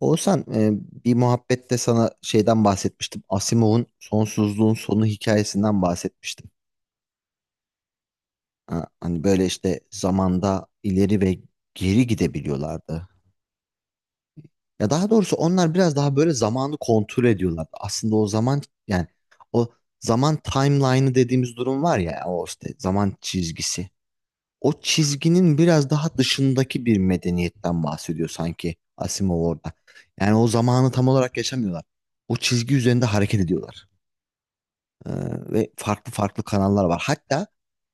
Oğuzhan bir muhabbette sana şeyden bahsetmiştim. Asimov'un Sonsuzluğun Sonu hikayesinden bahsetmiştim. Ha, hani böyle işte zamanda ileri ve geri gidebiliyorlardı. Ya daha doğrusu onlar biraz daha böyle zamanı kontrol ediyorlardı. Aslında o zaman yani o zaman timeline'ı dediğimiz durum var ya o işte zaman çizgisi. O çizginin biraz daha dışındaki bir medeniyetten bahsediyor sanki Asimov orada. Yani o zamanı tam olarak yaşamıyorlar. O çizgi üzerinde hareket ediyorlar. Ee, Ve farklı farklı kanallar var. Hatta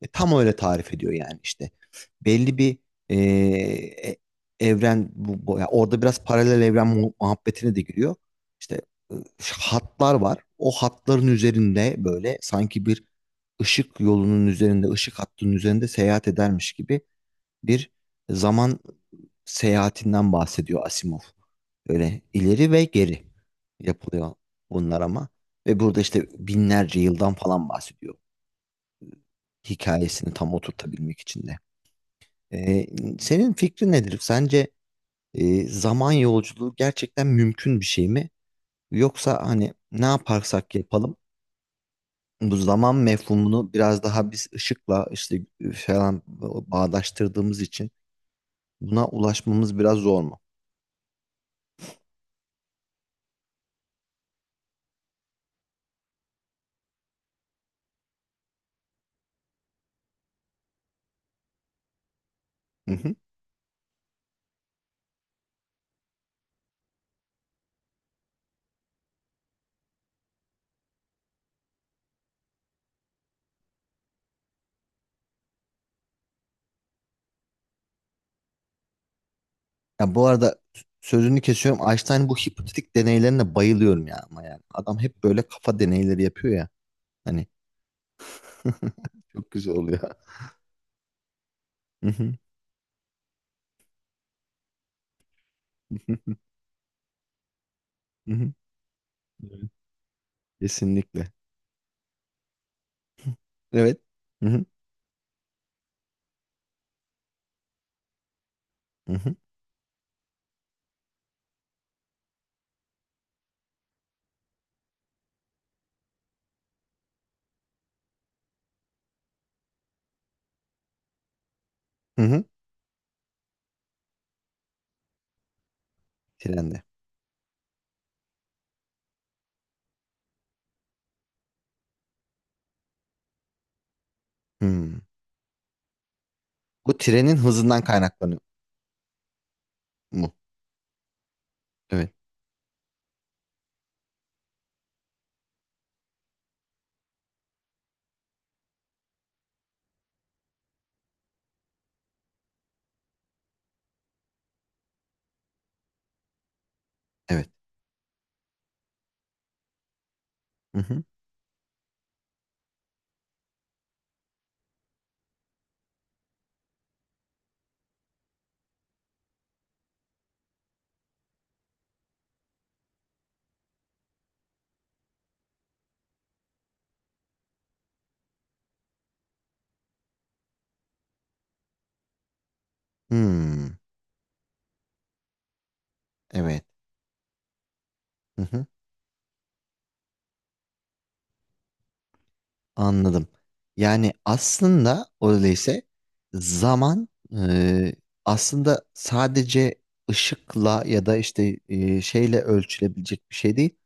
tam öyle tarif ediyor yani işte. Belli bir e, e, evren bu, ya orada biraz paralel evren muhabbetine de giriyor. İşte e, hatlar var. O hatların üzerinde böyle sanki bir ışık yolunun üzerinde, ışık hattının üzerinde seyahat edermiş gibi bir zaman seyahatinden bahsediyor Asimov. Öyle ileri ve geri yapılıyor bunlar ama. Ve burada işte binlerce yıldan falan bahsediyor. Hikayesini tam oturtabilmek için de. Ee, senin fikrin nedir? Sence zaman yolculuğu gerçekten mümkün bir şey mi? Yoksa hani ne yaparsak yapalım bu zaman mefhumunu biraz daha biz ışıkla işte falan bağdaştırdığımız için buna ulaşmamız biraz zor mu? Hı hı. Ya bu arada sözünü kesiyorum. Einstein, bu hipotetik deneylerine bayılıyorum ya, ama yani. Adam hep böyle kafa deneyleri yapıyor ya. Hani çok güzel oluyor. Hı hı, hı hı, hı hı. Evet. Kesinlikle. Evet. Hı hı, hı hı, hı hı. Trende. Hmm. Bu trenin hızından kaynaklanıyor mu? Evet. Evet. Hı hı. Hmm. Evet. Anladım. Yani aslında öyleyse zaman e, aslında sadece ışıkla ya da işte şeyle ölçülebilecek bir şey değil.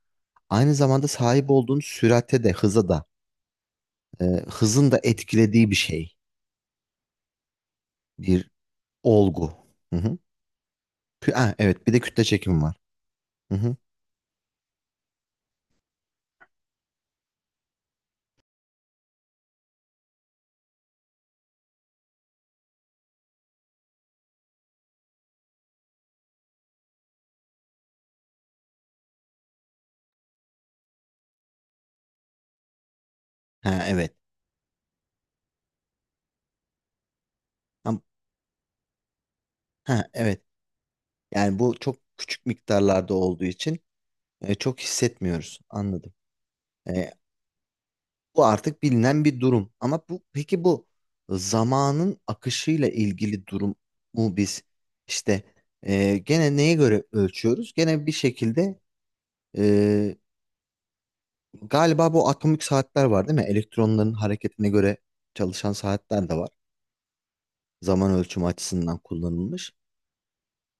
Aynı zamanda sahip olduğun sürate de hıza da hızın da etkilediği bir şey. Bir olgu. Hı hı. Ha, evet bir de kütle çekimi var. Hı hı. Ha, evet. Am- Ha, evet. Yani bu çok küçük miktarlarda olduğu için çok hissetmiyoruz. Anladım. E, Bu artık bilinen bir durum. Ama bu peki bu zamanın akışıyla ilgili durum mu? Biz işte gene neye göre ölçüyoruz? Gene bir şekilde e, galiba bu atomik saatler var değil mi? Elektronların hareketine göre çalışan saatler de var. Zaman ölçümü açısından kullanılmış.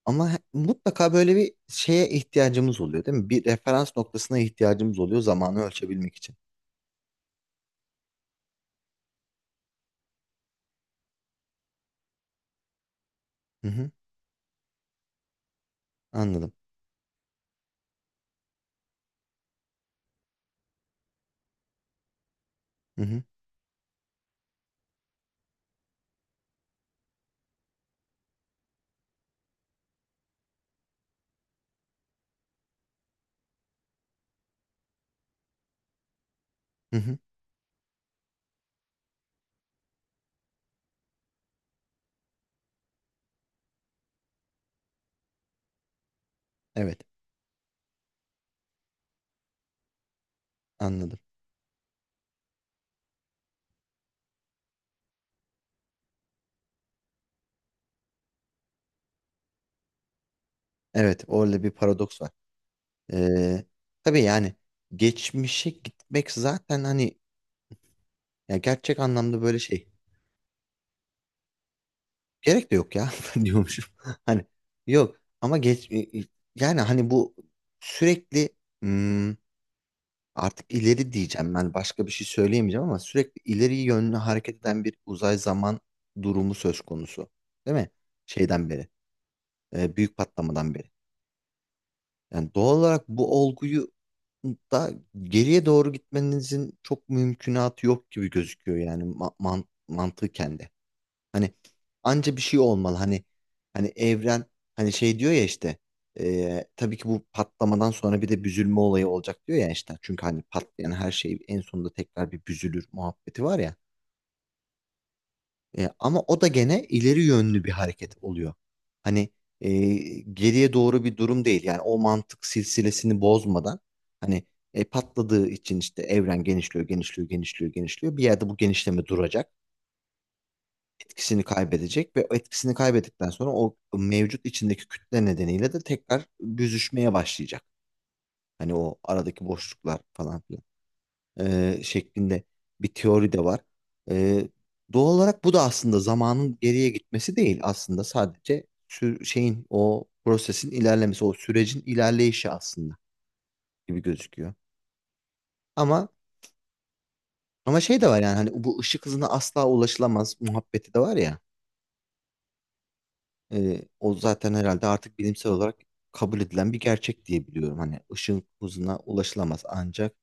Ama mutlaka böyle bir şeye ihtiyacımız oluyor değil mi? Bir referans noktasına ihtiyacımız oluyor zamanı ölçebilmek için. Hı hı, anladım. Hı hı, hı hı, evet, anladım. Evet, orada bir paradoks var. Ee, tabii yani geçmişe gitmek zaten hani ya gerçek anlamda böyle şey gerek de yok ya ben diyormuşum. Hani yok ama geç yani hani bu sürekli hmm, artık ileri diyeceğim, ben başka bir şey söyleyemeyeceğim ama sürekli ileri yönlü hareket eden bir uzay zaman durumu söz konusu. Değil mi? Şeyden beri, büyük patlamadan beri. Yani doğal olarak bu olguyu da geriye doğru gitmenizin çok mümkünatı yok gibi gözüküyor yani ma man mantıken de. Hani anca bir şey olmalı. Hani hani evren hani şey diyor ya işte tabii ki bu patlamadan sonra bir de büzülme olayı olacak diyor ya işte. Çünkü hani patlayan her şey en sonunda tekrar bir büzülür muhabbeti var ya. E, ama o da gene ileri yönlü bir hareket oluyor. Hani e, geriye doğru bir durum değil. Yani o mantık silsilesini bozmadan hani patladığı için işte evren genişliyor, genişliyor, genişliyor, genişliyor. Bir yerde bu genişleme duracak, etkisini kaybedecek ve o etkisini kaybettikten sonra o mevcut içindeki kütle nedeniyle de tekrar büzüşmeye başlayacak. Hani o aradaki boşluklar falan filan şeklinde bir teori de var. E, doğal olarak bu da aslında zamanın geriye gitmesi değil, aslında sadece şeyin o prosesin ilerlemesi, o sürecin ilerleyişi aslında gibi gözüküyor. Ama ama şey de var yani hani bu ışık hızına asla ulaşılamaz muhabbeti de var ya. O zaten herhalde artık bilimsel olarak kabul edilen bir gerçek diye biliyorum. Hani ışın hızına ulaşılamaz, ancak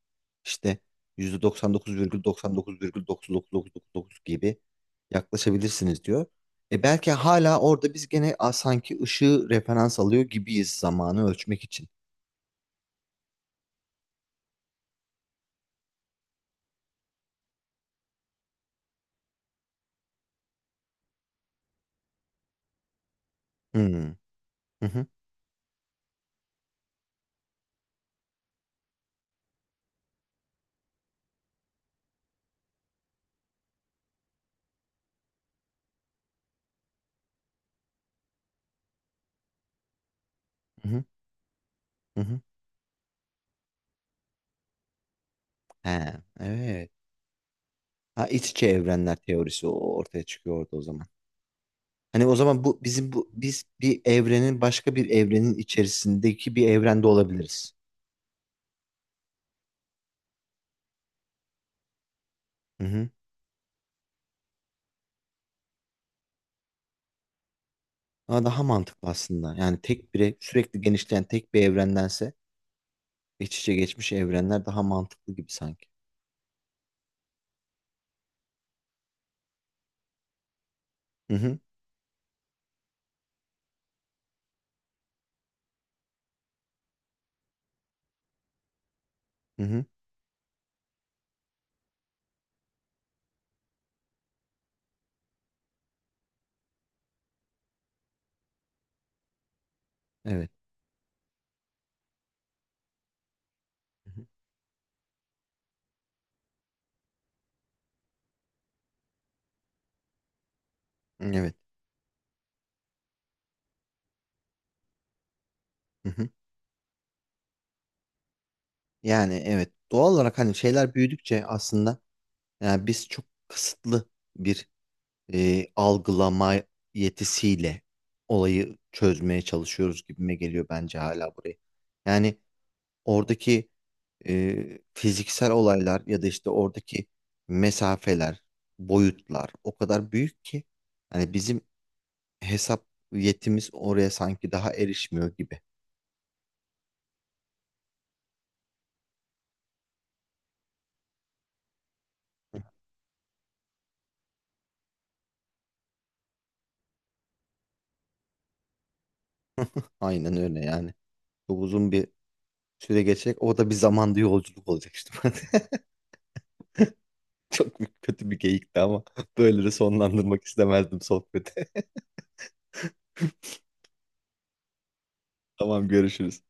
işte %99,99,999999 gibi yaklaşabilirsiniz diyor. E belki hala orada biz gene sanki ışığı referans alıyor gibiyiz zamanı ölçmek için. Hmm. Hı hı, hı hı, hı hı. He, evet. Ha, iç içe evrenler teorisi ortaya çıkıyor orada o zaman. Hani o zaman bu bizim bu biz bir evrenin başka bir evrenin içerisindeki bir evrende olabiliriz. Hı hı. Ama daha mantıklı aslında. Yani tek bir sürekli genişleyen tek bir evrendense iç içe geçmiş evrenler daha mantıklı gibi sanki. Hı hı. Hı hı. Evet. Hı hı. Evet. Hı hı. Yani evet, doğal olarak hani şeyler büyüdükçe aslında yani biz çok kısıtlı bir algılama yetisiyle olayı çözmeye çalışıyoruz gibime geliyor bence hala burayı. Yani oradaki fiziksel olaylar ya da işte oradaki mesafeler, boyutlar o kadar büyük ki hani bizim hesap yetimiz oraya sanki daha erişmiyor gibi. Hı. Aynen öyle yani. Çok uzun bir süre geçecek. O da bir zamanda yolculuk olacak işte. Çok kötü bir geyikti ama böyle de sonlandırmak istemezdim sohbeti. Tamam, görüşürüz.